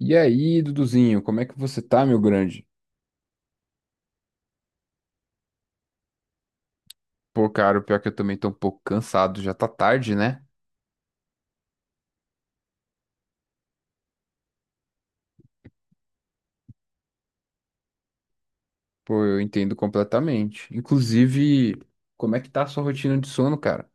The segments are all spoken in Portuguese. E aí, Duduzinho, como é que você tá, meu grande? Pô, cara, o pior é que eu também tô um pouco cansado, já tá tarde, né? Pô, eu entendo completamente. Inclusive, como é que tá a sua rotina de sono, cara?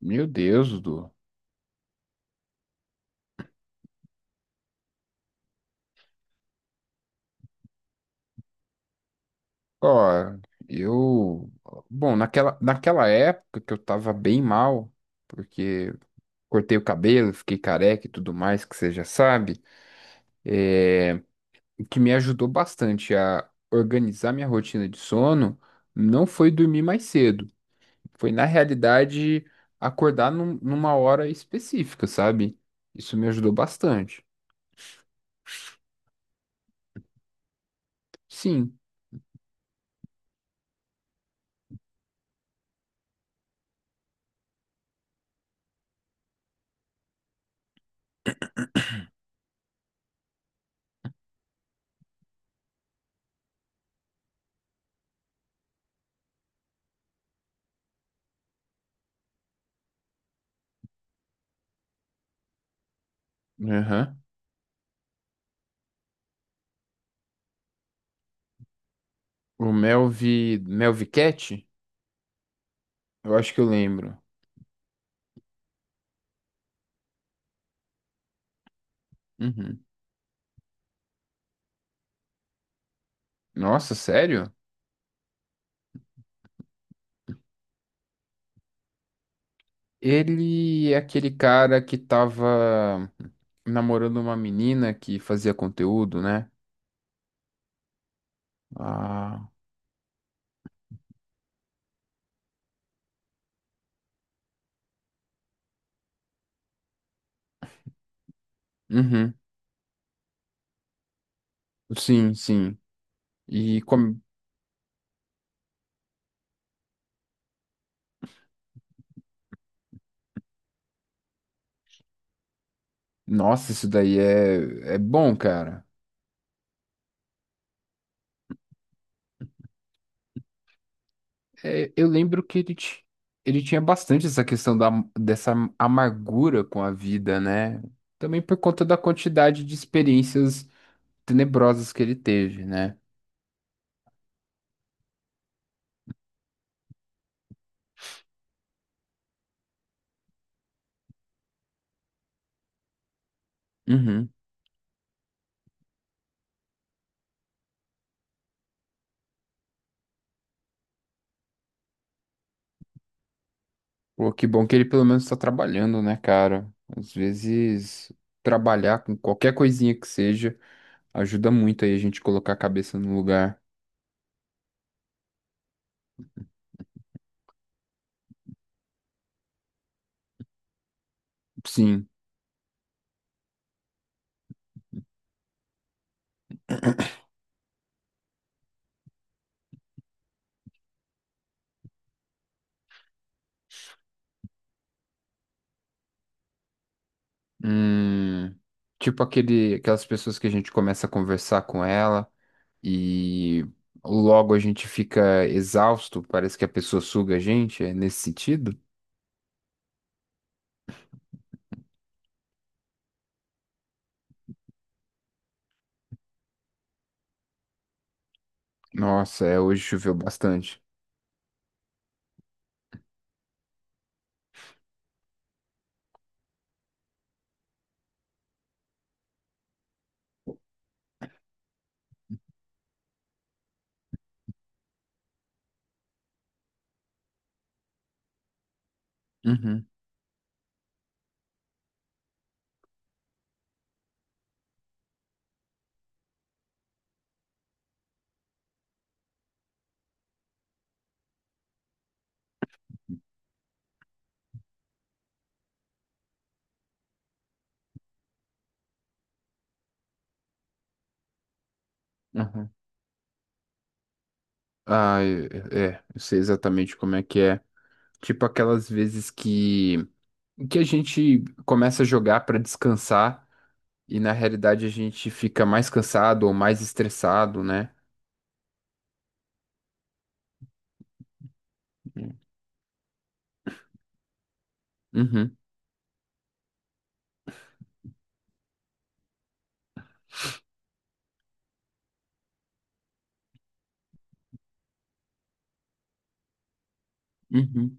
Meu Deus, Dudu. Ó, eu. Bom, naquela época que eu tava bem mal, porque cortei o cabelo, fiquei careca e tudo mais, que você já sabe, o que me ajudou bastante a organizar minha rotina de sono não foi dormir mais cedo. Foi, na realidade, acordar numa hora específica, sabe? Isso me ajudou bastante. Sim. Aham. O Melvi. Melvi Cat? Eu acho que eu lembro. Uhum. Nossa, sério? Ele é aquele cara que tava namorando uma menina que fazia conteúdo, né? Ah. Uhum. Sim, sim. E como. Nossa, isso daí é bom, cara. É, eu lembro que ele, ele tinha bastante essa questão dessa amargura com a vida, né? Também por conta da quantidade de experiências tenebrosas que ele teve, né? Uhum. Pô, que bom que ele pelo menos tá trabalhando, né, cara? Às vezes, trabalhar com qualquer coisinha que seja ajuda muito aí a gente colocar a cabeça no lugar. Sim. Hum, tipo aquelas pessoas que a gente começa a conversar com ela. E logo a gente fica exausto, parece que a pessoa suga a gente, é nesse sentido? Nossa, é, hoje choveu bastante. Uhum, uhum. Ah, é, eu sei exatamente como é que é. Tipo aquelas vezes que a gente começa a jogar para descansar e na realidade a gente fica mais cansado ou mais estressado, né? Uhum, uhum.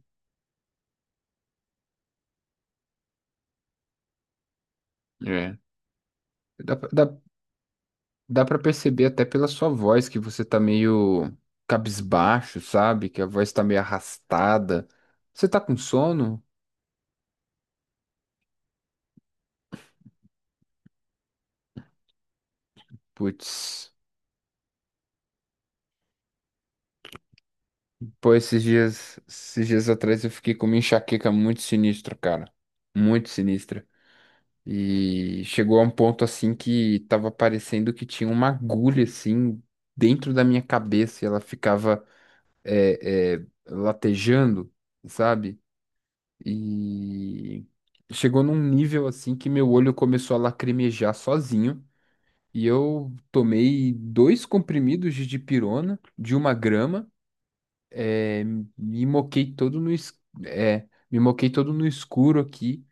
É. Dá, pra- dá, Dá pra perceber até pela sua voz que você tá meio cabisbaixo, sabe? Que a voz tá meio arrastada. Você tá com sono? Putz. Pô, esses dias atrás eu fiquei com uma enxaqueca muito sinistra, cara. Muito sinistra. E chegou a um ponto assim que tava parecendo que tinha uma agulha assim dentro da minha cabeça e ela ficava latejando, sabe? E chegou num nível assim que meu olho começou a lacrimejar sozinho. E eu tomei dois comprimidos de dipirona de 1 grama. eh, me moquei todo no, es- Me moquei todo no escuro aqui.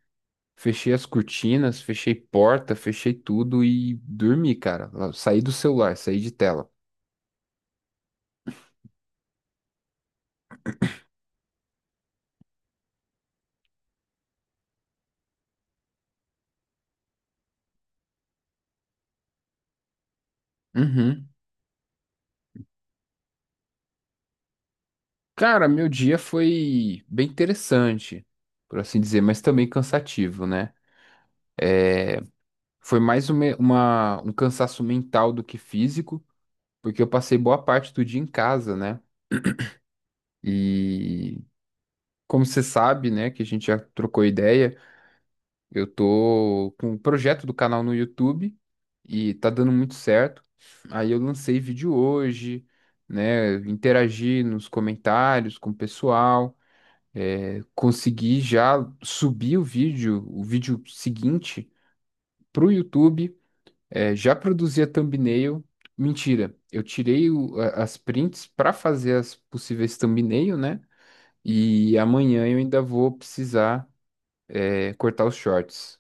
Fechei as cortinas, fechei porta, fechei tudo e dormi, cara. Saí do celular, saí de tela. Uhum. Cara, meu dia foi bem interessante, por assim dizer, mas também cansativo, né? Foi mais uma, um cansaço mental do que físico, porque eu passei boa parte do dia em casa, né? E como você sabe, né, que a gente já trocou ideia, eu tô com um projeto do canal no YouTube e tá dando muito certo. Aí eu lancei vídeo hoje, né? Interagi nos comentários com o pessoal, é, consegui já subir o vídeo seguinte, pro YouTube. É, já produzia thumbnail. Mentira, eu tirei as prints para fazer as possíveis thumbnail, né? E amanhã eu ainda vou precisar, é, cortar os shorts.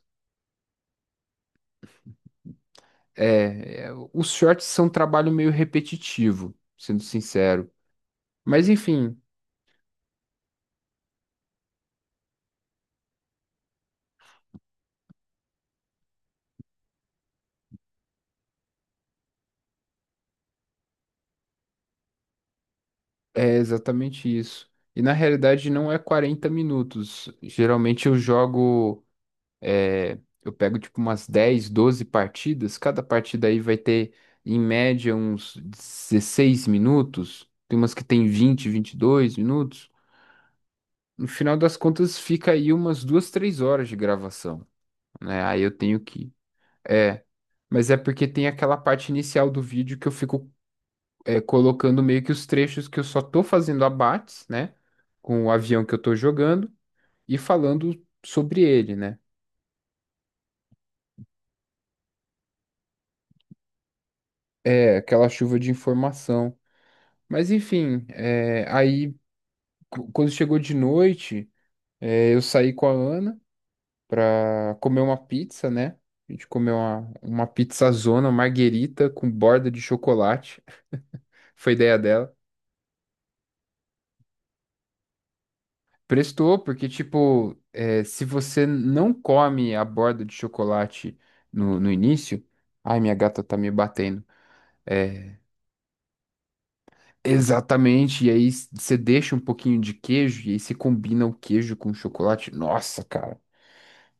É, os shorts são um trabalho meio repetitivo, sendo sincero. Mas enfim, é exatamente isso. E na realidade não é 40 minutos. Geralmente eu jogo. É, eu pego tipo umas 10, 12 partidas. Cada partida aí vai ter, em média, uns 16 minutos. Tem umas que tem 20, 22 minutos. No final das contas, fica aí umas 2, 3 horas de gravação, né? Aí eu tenho que. É, mas é porque tem aquela parte inicial do vídeo que eu fico, é, colocando meio que os trechos que eu só tô fazendo abates, né? Com o avião que eu tô jogando e falando sobre ele, né? É, aquela chuva de informação. Mas enfim, é, aí quando chegou de noite, é, eu saí com a Ana pra comer uma pizza, né? A gente comeu uma pizzazona, marguerita com borda de chocolate. Foi ideia dela. Prestou, porque, tipo, é, se você não come a borda de chocolate no início. Ai, minha gata tá me batendo. É, exatamente. E aí você deixa um pouquinho de queijo, e aí você combina o queijo com o chocolate. Nossa, cara.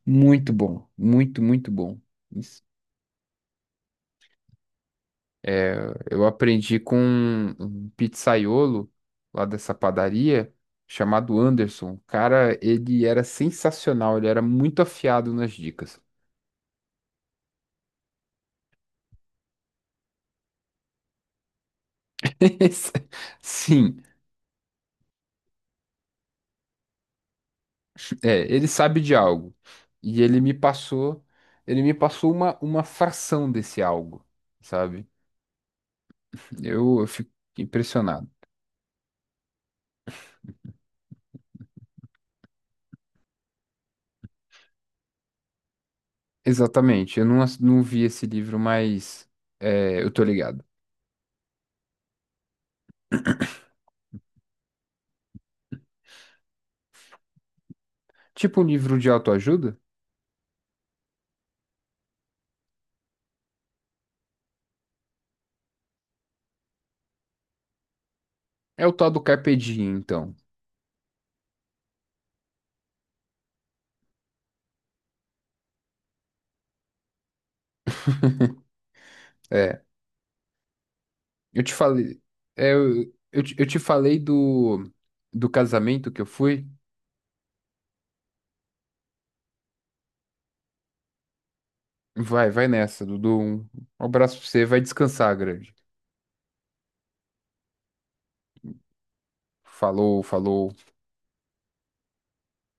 Muito bom, muito, muito bom. Isso. Eu aprendi com um pizzaiolo lá dessa padaria, chamado Anderson. Cara, ele era sensacional, ele era muito afiado nas dicas. Sim, é, ele sabe de algo. E ele me passou uma fração desse algo, sabe? Eu fico impressionado. Exatamente, eu não, não vi esse livro, mas é, eu tô ligado. Tipo um livro de autoajuda? É o tal do Carpe Diem, então. É, eu te falei, é, eu te falei do casamento que eu fui. Vai, vai nessa, Dudu. Um abraço pra você, vai descansar, grande. Falou, falou.